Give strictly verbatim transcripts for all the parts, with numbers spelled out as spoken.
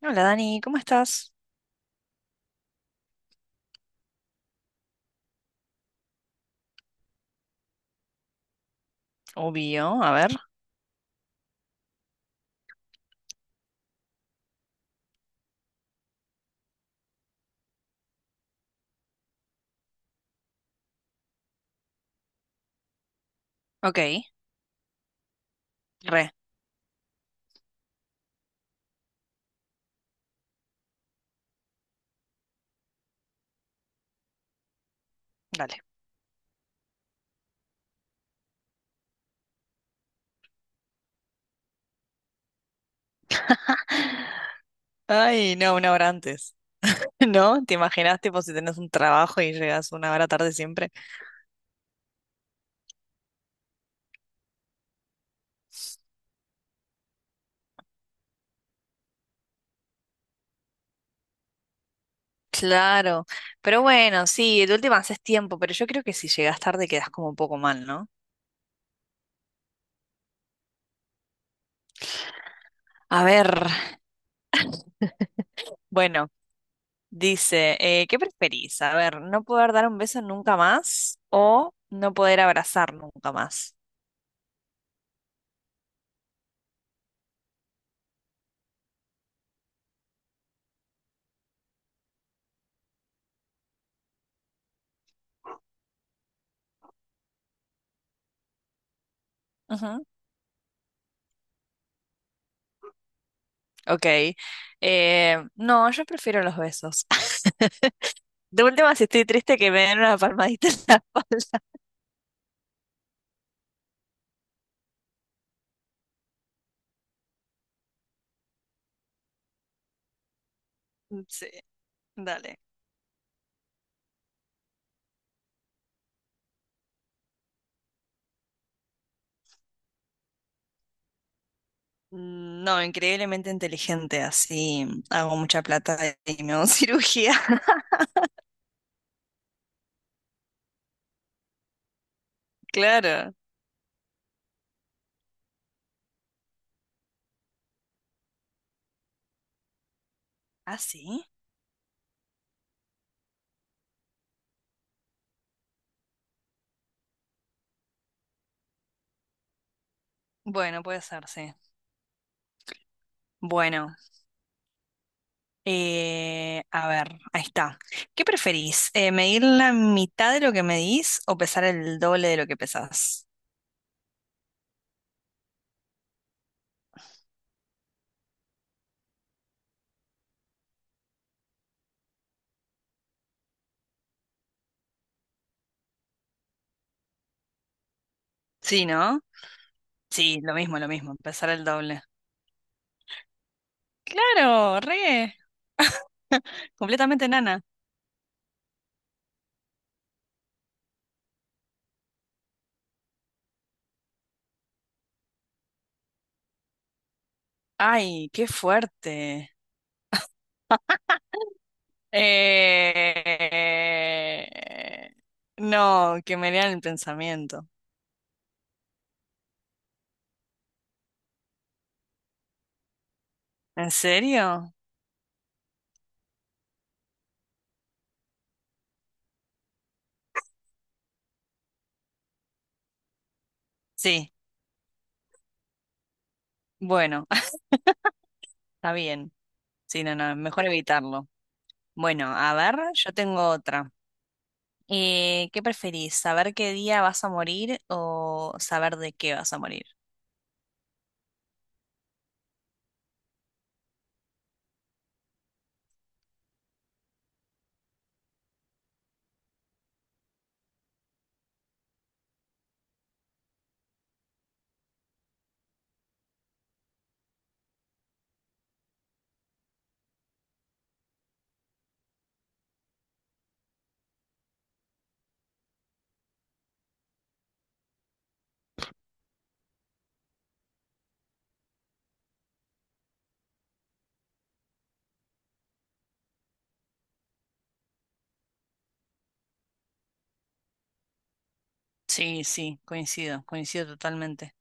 Hola Dani, ¿cómo estás? Obvio, a ver. Ok, re, dale. Ay, no, una hora antes. ¿No? ¿Te imaginas, tipo, si tenés un trabajo y llegas una hora tarde siempre? Claro, pero bueno, sí, de última haces tiempo, pero yo creo que si llegas tarde quedas como un poco mal, ¿no? A ver, bueno, dice, eh, ¿qué preferís? A ver, ¿no poder dar un beso nunca más o no poder abrazar nunca más? Ujú, ok, Eh, no, yo prefiero los besos. De última, si estoy triste, que me den una palmadita en la espalda. Sí, dale. Mm, no, increíblemente inteligente, así hago mucha plata y me hago cirugía. Claro. ¿Ah, sí? Bueno, puede ser, sí. Bueno, eh, a ver, ahí está. ¿Qué preferís? Eh, ¿medir la mitad de lo que medís o pesar el doble de lo que pesás? Sí, ¿no? Sí, lo mismo, lo mismo, pesar el doble. Claro, re, completamente nana. Ay, qué fuerte. Eh, No, que me lean el pensamiento. ¿En serio? Sí, bueno, está bien. Sí, no, no, mejor evitarlo. Bueno, a ver, yo tengo otra. Eh, ¿qué preferís? ¿Saber qué día vas a morir o saber de qué vas a morir? Sí, sí, coincido, coincido totalmente.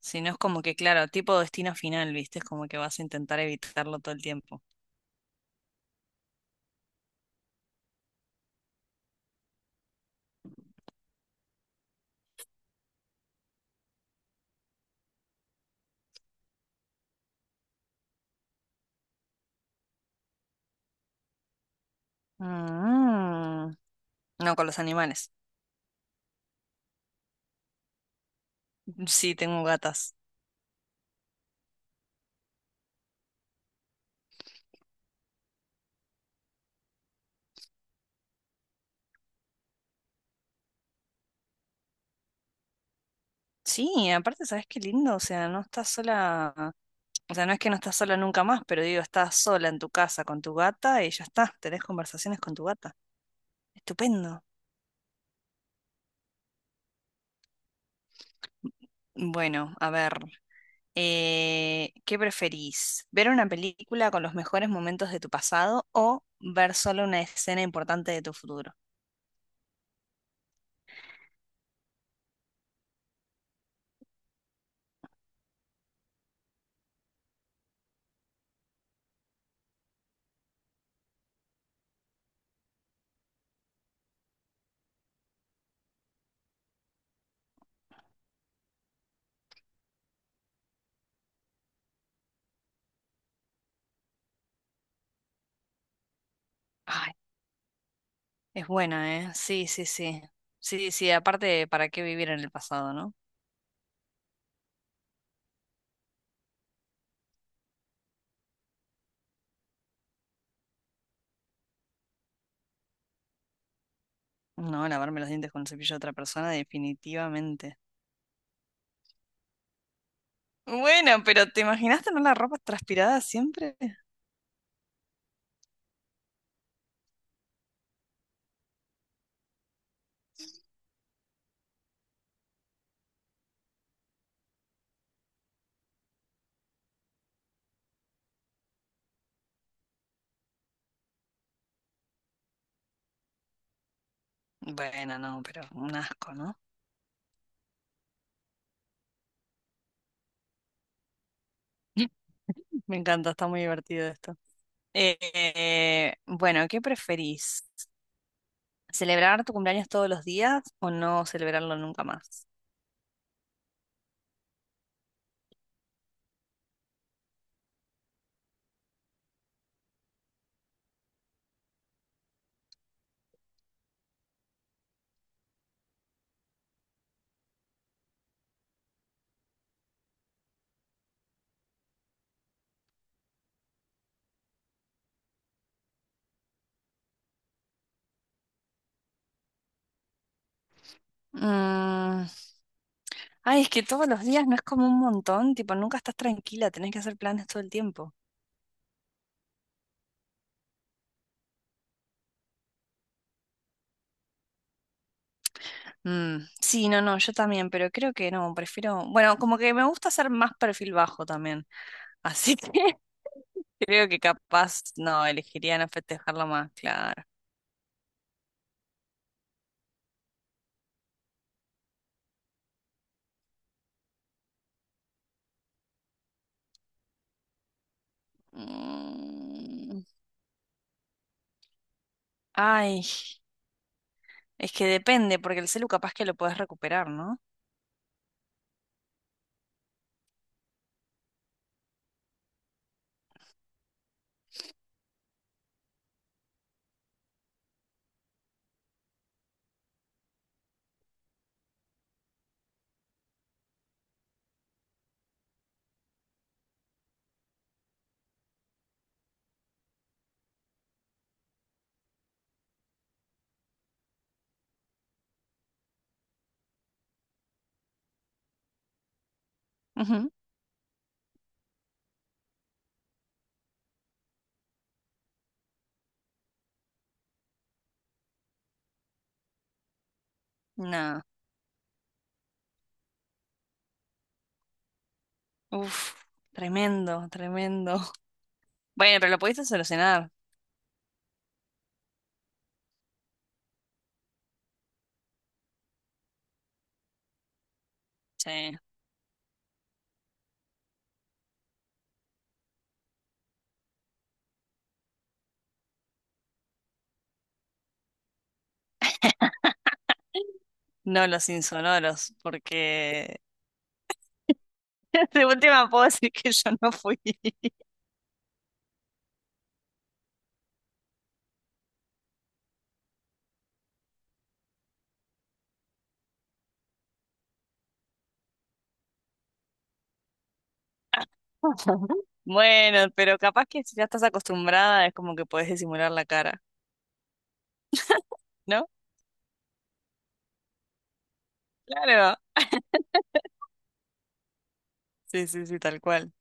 Si no es como que, claro, tipo destino final, ¿viste? Es como que vas a intentar evitarlo todo el tiempo. Mm, no, con los animales. Sí, tengo gatas. Sí, aparte, ¿sabes qué lindo? O sea, no estás sola, o sea, no es que no estás sola nunca más, pero digo, estás sola en tu casa con tu gata y ya está, tenés conversaciones con tu gata. Estupendo. Bueno, a ver, eh, ¿qué preferís? ¿Ver una película con los mejores momentos de tu pasado o ver solo una escena importante de tu futuro? Ay, es buena, ¿eh? Sí, sí, sí. Sí, sí, aparte, ¿para qué vivir en el pasado, no? No, lavarme los dientes con el cepillo de otra persona, definitivamente. Bueno, pero ¿te imaginas tener la ropa transpirada siempre? Bueno, no, pero un asco, ¿no? Me encanta, está muy divertido esto. Eh, eh, bueno, ¿qué preferís? ¿Celebrar tu cumpleaños todos los días o no celebrarlo nunca más? Mm, ay, es que todos los días no es como un montón, tipo, nunca estás tranquila, tenés que hacer planes todo el tiempo. Mm, sí, no, no, yo también, pero creo que no, prefiero, bueno, como que me gusta hacer más perfil bajo también, así que creo que capaz, no, elegiría no festejarlo más, claro. Mm, ay, es que depende, porque el celu capaz que lo puedes recuperar, ¿no? Ujú. No, uf, tremendo, tremendo. Bueno, pero lo pudiste solucionar, sí, no los insonoros, porque de última puedo decir que yo no fui. Bueno, pero capaz que si ya estás acostumbrada es como que podés disimular la cara, ¿no? Claro. Sí, sí, sí, tal cual.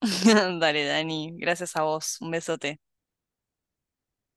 Dale, Dani, gracias a vos. Un besote.